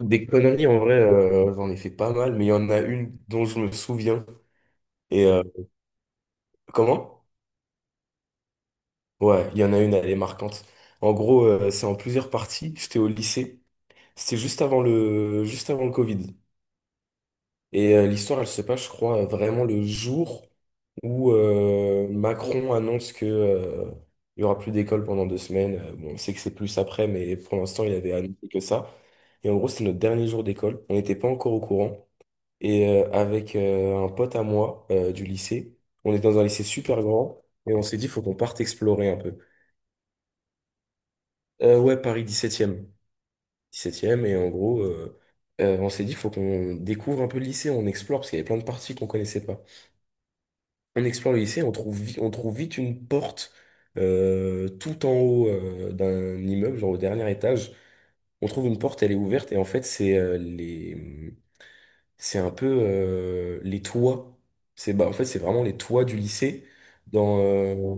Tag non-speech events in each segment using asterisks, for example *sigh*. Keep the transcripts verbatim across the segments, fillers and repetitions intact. Des conneries, en vrai, euh, j'en ai fait pas mal, mais il y en a une dont je me souviens. Et euh, Comment? Ouais, il y en a une, elle est marquante. En gros, euh, c'est en plusieurs parties. J'étais au lycée. C'était juste avant le, juste avant le Covid. Et euh, l'histoire, elle se passe, je crois, vraiment le jour où euh, Macron annonce que euh, il y aura plus d'école pendant deux semaines. Euh, Bon, on sait que c'est plus après, mais pour l'instant, il avait annoncé que ça. Et en gros, c'était notre dernier jour d'école. On n'était pas encore au courant. Et euh, avec euh, un pote à moi euh, du lycée, on est dans un lycée super grand et on s'est dit, faut qu'on parte explorer un peu. Euh, ouais, Paris dix-septième. dix-septième, et en gros, euh, euh, on s'est dit, faut qu'on découvre un peu le lycée, on explore, parce qu'il y avait plein de parties qu'on connaissait pas. On explore le lycée, on trouve, vi- on trouve vite une porte euh, tout en haut euh, d'un immeuble, genre au dernier étage. On trouve une porte, elle est ouverte, et en fait, c'est euh, les, c'est un peu euh, les toits. C'est bah, en fait c'est vraiment les toits du lycée. Dans euh,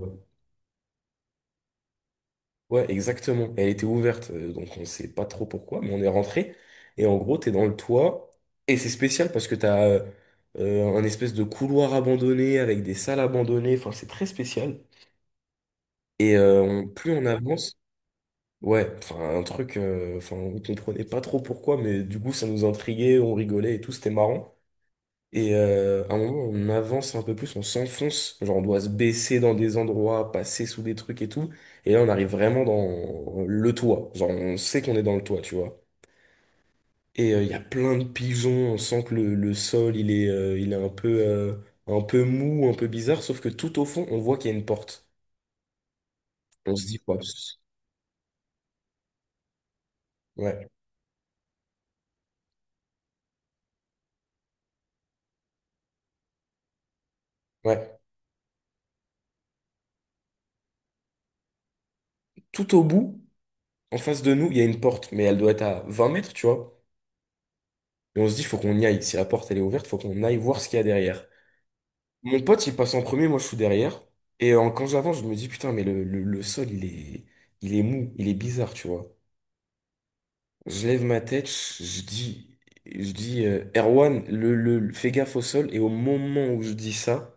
Ouais, exactement. Elle était ouverte, euh, donc on sait pas trop pourquoi, mais on est rentré et en gros t'es dans le toit et c'est spécial parce que t'as euh, euh, un espèce de couloir abandonné avec des salles abandonnées. Enfin c'est très spécial. Et euh, on- plus on avance, ouais, enfin un truc, euh, enfin on comprenait pas trop pourquoi, mais du coup ça nous intriguait, on rigolait et tout, c'était marrant. Et euh, à un moment, on avance un peu plus, on s'enfonce, genre on doit se baisser dans des endroits, passer sous des trucs et tout. Et là, on arrive vraiment dans le toit. Genre, on sait qu'on est dans le toit, tu vois. Et euh, il y a plein de pigeons, on sent que le, le sol, il est, euh, il est un peu, euh, un peu mou, un peu bizarre, sauf que tout au fond, on voit qu'il y a une porte. On se dit, ouais, pss, ouais. Ouais. Tout au bout, en face de nous, il y a une porte, mais elle doit être à vingt mètres, tu vois. Et on se dit, faut qu'on y aille. Si la porte, elle est ouverte, faut qu'on aille voir ce qu'il y a derrière. Mon pote, il passe en premier, moi je suis derrière. Et euh, quand j'avance, je me dis, putain, mais le, le, le sol, il est, il est mou, il est bizarre, tu vois. Je lève ma tête, je je dis, je dis, euh, Erwan, le, le, le- fais gaffe au sol. Et au moment où je dis ça,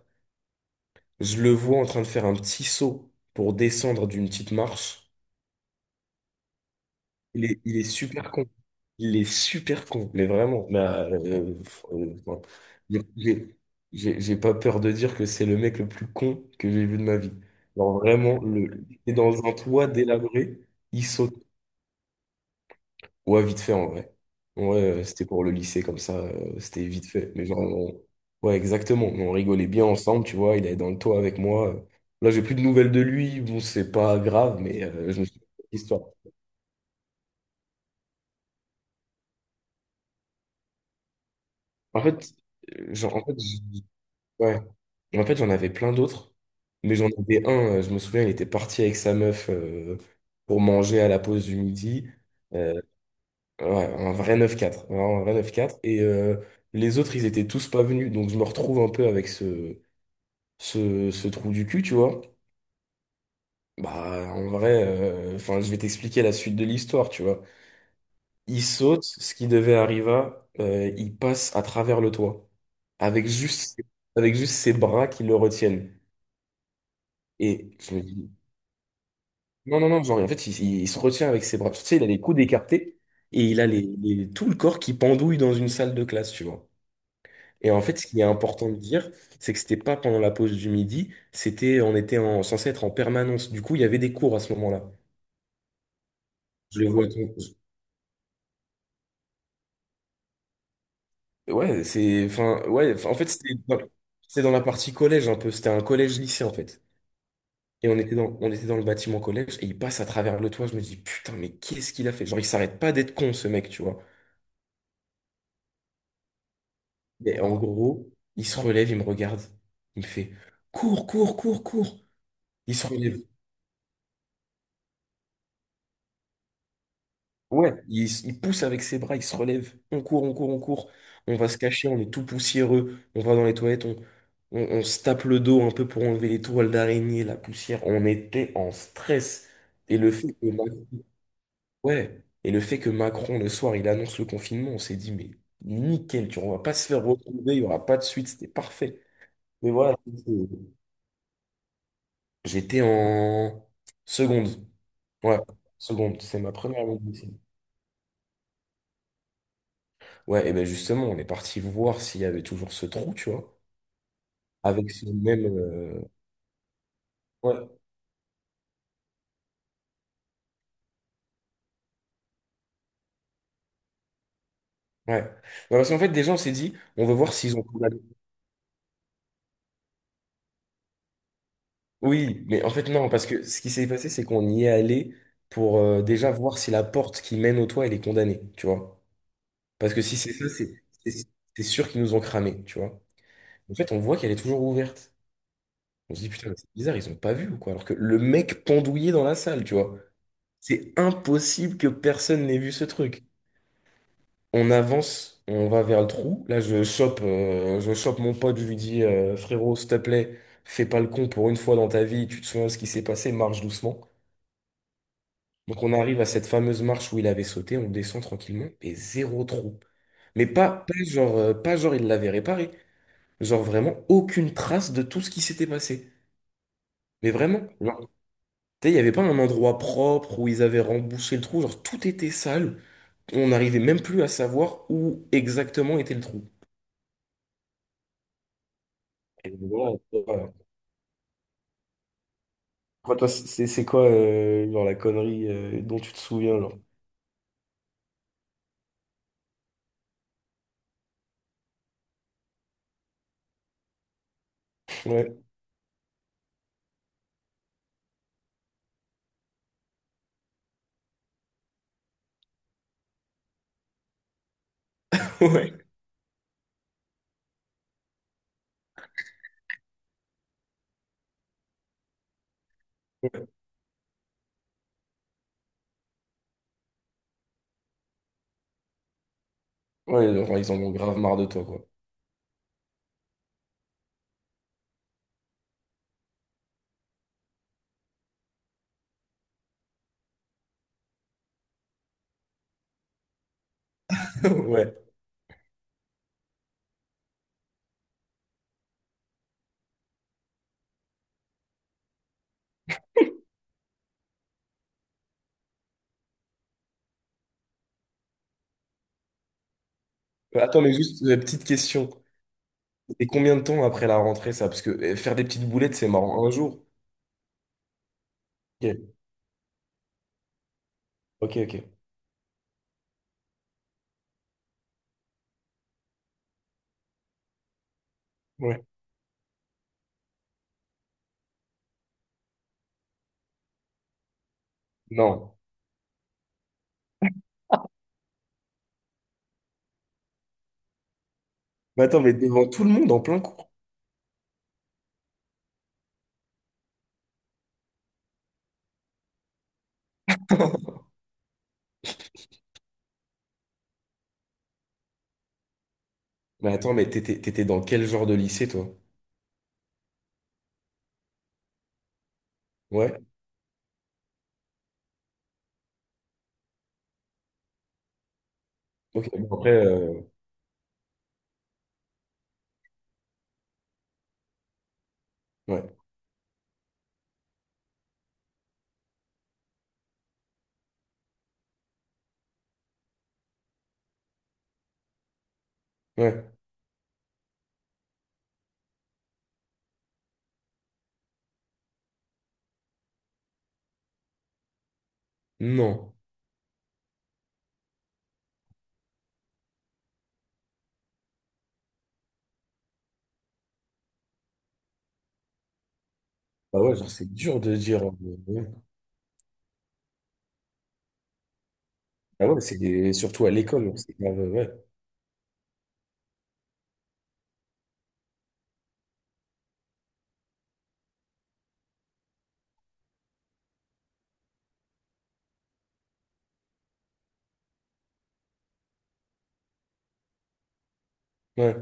je le vois en train de faire un petit saut pour descendre d'une petite marche. Il est, il est super con. Il est super con, mais vraiment. Mais, euh, euh, enfin, j'ai j'ai- j'ai- j'ai pas peur de dire que c'est le mec le plus con que j'ai vu de ma vie. Genre vraiment, le, il est dans un toit délabré, il saute. Ouais, vite fait en vrai. Ouais, euh, c'était pour le lycée comme ça, euh, c'était vite fait. Mais genre, on- ouais, exactement. Mais on rigolait bien ensemble, tu vois. Il allait dans le toit avec moi. Là, j'ai plus de nouvelles de lui. Bon, c'est pas grave, mais euh, je me suis histoire. En fait, euh, genre, en fait, Ouais. En fait, j'en avais plein d'autres, mais j'en avais un, euh, je me souviens, il était parti avec sa meuf euh, pour manger à la pause du midi. Euh, ouais, un vrai neuf quatre, vraiment un vrai neuf quatre. Et euh, les autres, ils étaient tous pas venus, donc je me retrouve un peu avec ce, ce, ce trou du cul, tu vois. Bah, en vrai, euh, enfin, je vais t'expliquer la suite de l'histoire, tu vois. Il saute, ce qui devait arriver, euh, il passe à travers le toit, avec juste, avec juste ses bras qui le retiennent. Et je me dis, non, non, non, genre, en fait, il, il il se retient avec ses bras. Tu sais, il a les coudes écartés et il a les, les- tout le corps qui pendouille dans une salle de classe, tu vois. Et en fait, ce qui est important de dire, c'est que c'était pas pendant la pause du midi, c'était, on était en, censé être en permanence. Du coup, il y avait des cours à ce moment-là. Je les vois. tout- Ouais, c'est, enfin, ouais, enfin, en fait, c'était dans, c'était dans la partie collège un peu. C'était un collège-lycée, en fait. Et on était dans, on était dans le bâtiment collège et il passe à travers le toit. Je me dis, putain, mais qu'est-ce qu'il a fait? Genre, il s'arrête pas d'être con, ce mec, tu vois. Mais en gros, il se relève, il me regarde. Il me fait cours, cours, cours, cours. Il se relève. Ouais, il, s- il pousse avec ses bras, il se relève. On court, on court, on court. On va se cacher, on est tout poussiéreux. On va dans les toilettes, on, on, on se tape le dos un peu pour enlever les toiles d'araignée, la poussière. On était en stress. Et le fait que Macron, ouais, et le fait que Macron, le soir, il annonce le confinement, on s'est dit, mais nickel, tu vois, on va pas se faire retrouver, il y aura pas de suite, c'était parfait. Mais voilà. J'étais en seconde. Ouais, seconde. C'est ma première année de lycée. Ouais, et ben justement, on est parti voir s'il y avait toujours ce trou, tu vois, avec ce même. euh, Ouais, ouais. Ouais, parce qu'en fait, déjà, on s'est dit, on veut voir s'ils ont tout gardé. Oui, mais en fait, non, parce que ce qui s'est passé, c'est qu'on y est allé pour euh, déjà voir si la porte qui mène au toit, elle est condamnée, tu vois. Parce que si c'est ça, c'est c'est- c'est sûr qu'ils nous ont cramé, tu vois. En fait, on voit qu'elle est toujours ouverte. On se dit, putain, mais c'est bizarre, ils ont pas vu ou quoi? Alors que le mec pendouillé dans la salle, tu vois. C'est impossible que personne n'ait vu ce truc. On avance, on va vers le trou. Là, je chope, euh, je chope mon pote, je lui dis, euh, frérot, s'il te plaît, fais pas le con pour une fois dans ta vie, tu te souviens de ce qui s'est passé, marche doucement. Donc on arrive à cette fameuse marche où il avait sauté, on descend tranquillement, et zéro trou. Mais pas, pas genre, euh, pas genre il l'avait réparé. Genre vraiment aucune trace de tout ce qui s'était passé. Mais vraiment. Tu sais, il n'y avait pas un endroit propre où ils avaient rembouché le trou, genre tout était sale. On n'arrivait même plus à savoir où exactement était le trou. Et voilà, voilà. Toi, toi, c'est c'est quoi euh, genre la connerie euh, dont tu te souviens genre? Ouais. *laughs* Ouais. Ouais, genre, ils en ont grave marre de toi, quoi. *laughs* Ouais. Attends, mais juste une petite question. Et combien de temps après la rentrée, ça? Parce que euh, faire des petites boulettes, c'est marrant. Un jour. Ok, ok, ok. Ouais. Non. Mais attends, mais devant tout le monde en plein cours. Mais attends, mais t'étais, t'étais dans quel genre de lycée, toi? Ouais. Ok, bon, après, euh, ouais, ouais, non. Bah ouais, genre, c'est dur de dire. Euh, ouais. Ah ouais, c'est des- surtout à l'école, c'est grave, euh, ouais, ouais.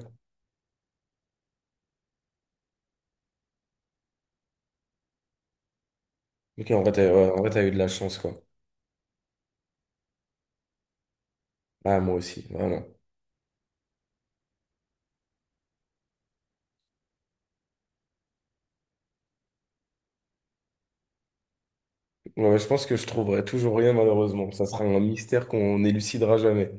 Ok, en vrai, t'as, ouais, en vrai, t'as eu de la chance, quoi. Ah, moi aussi, vraiment. Ouais, je pense que je trouverai toujours rien, malheureusement. Ça sera un mystère qu'on élucidera jamais.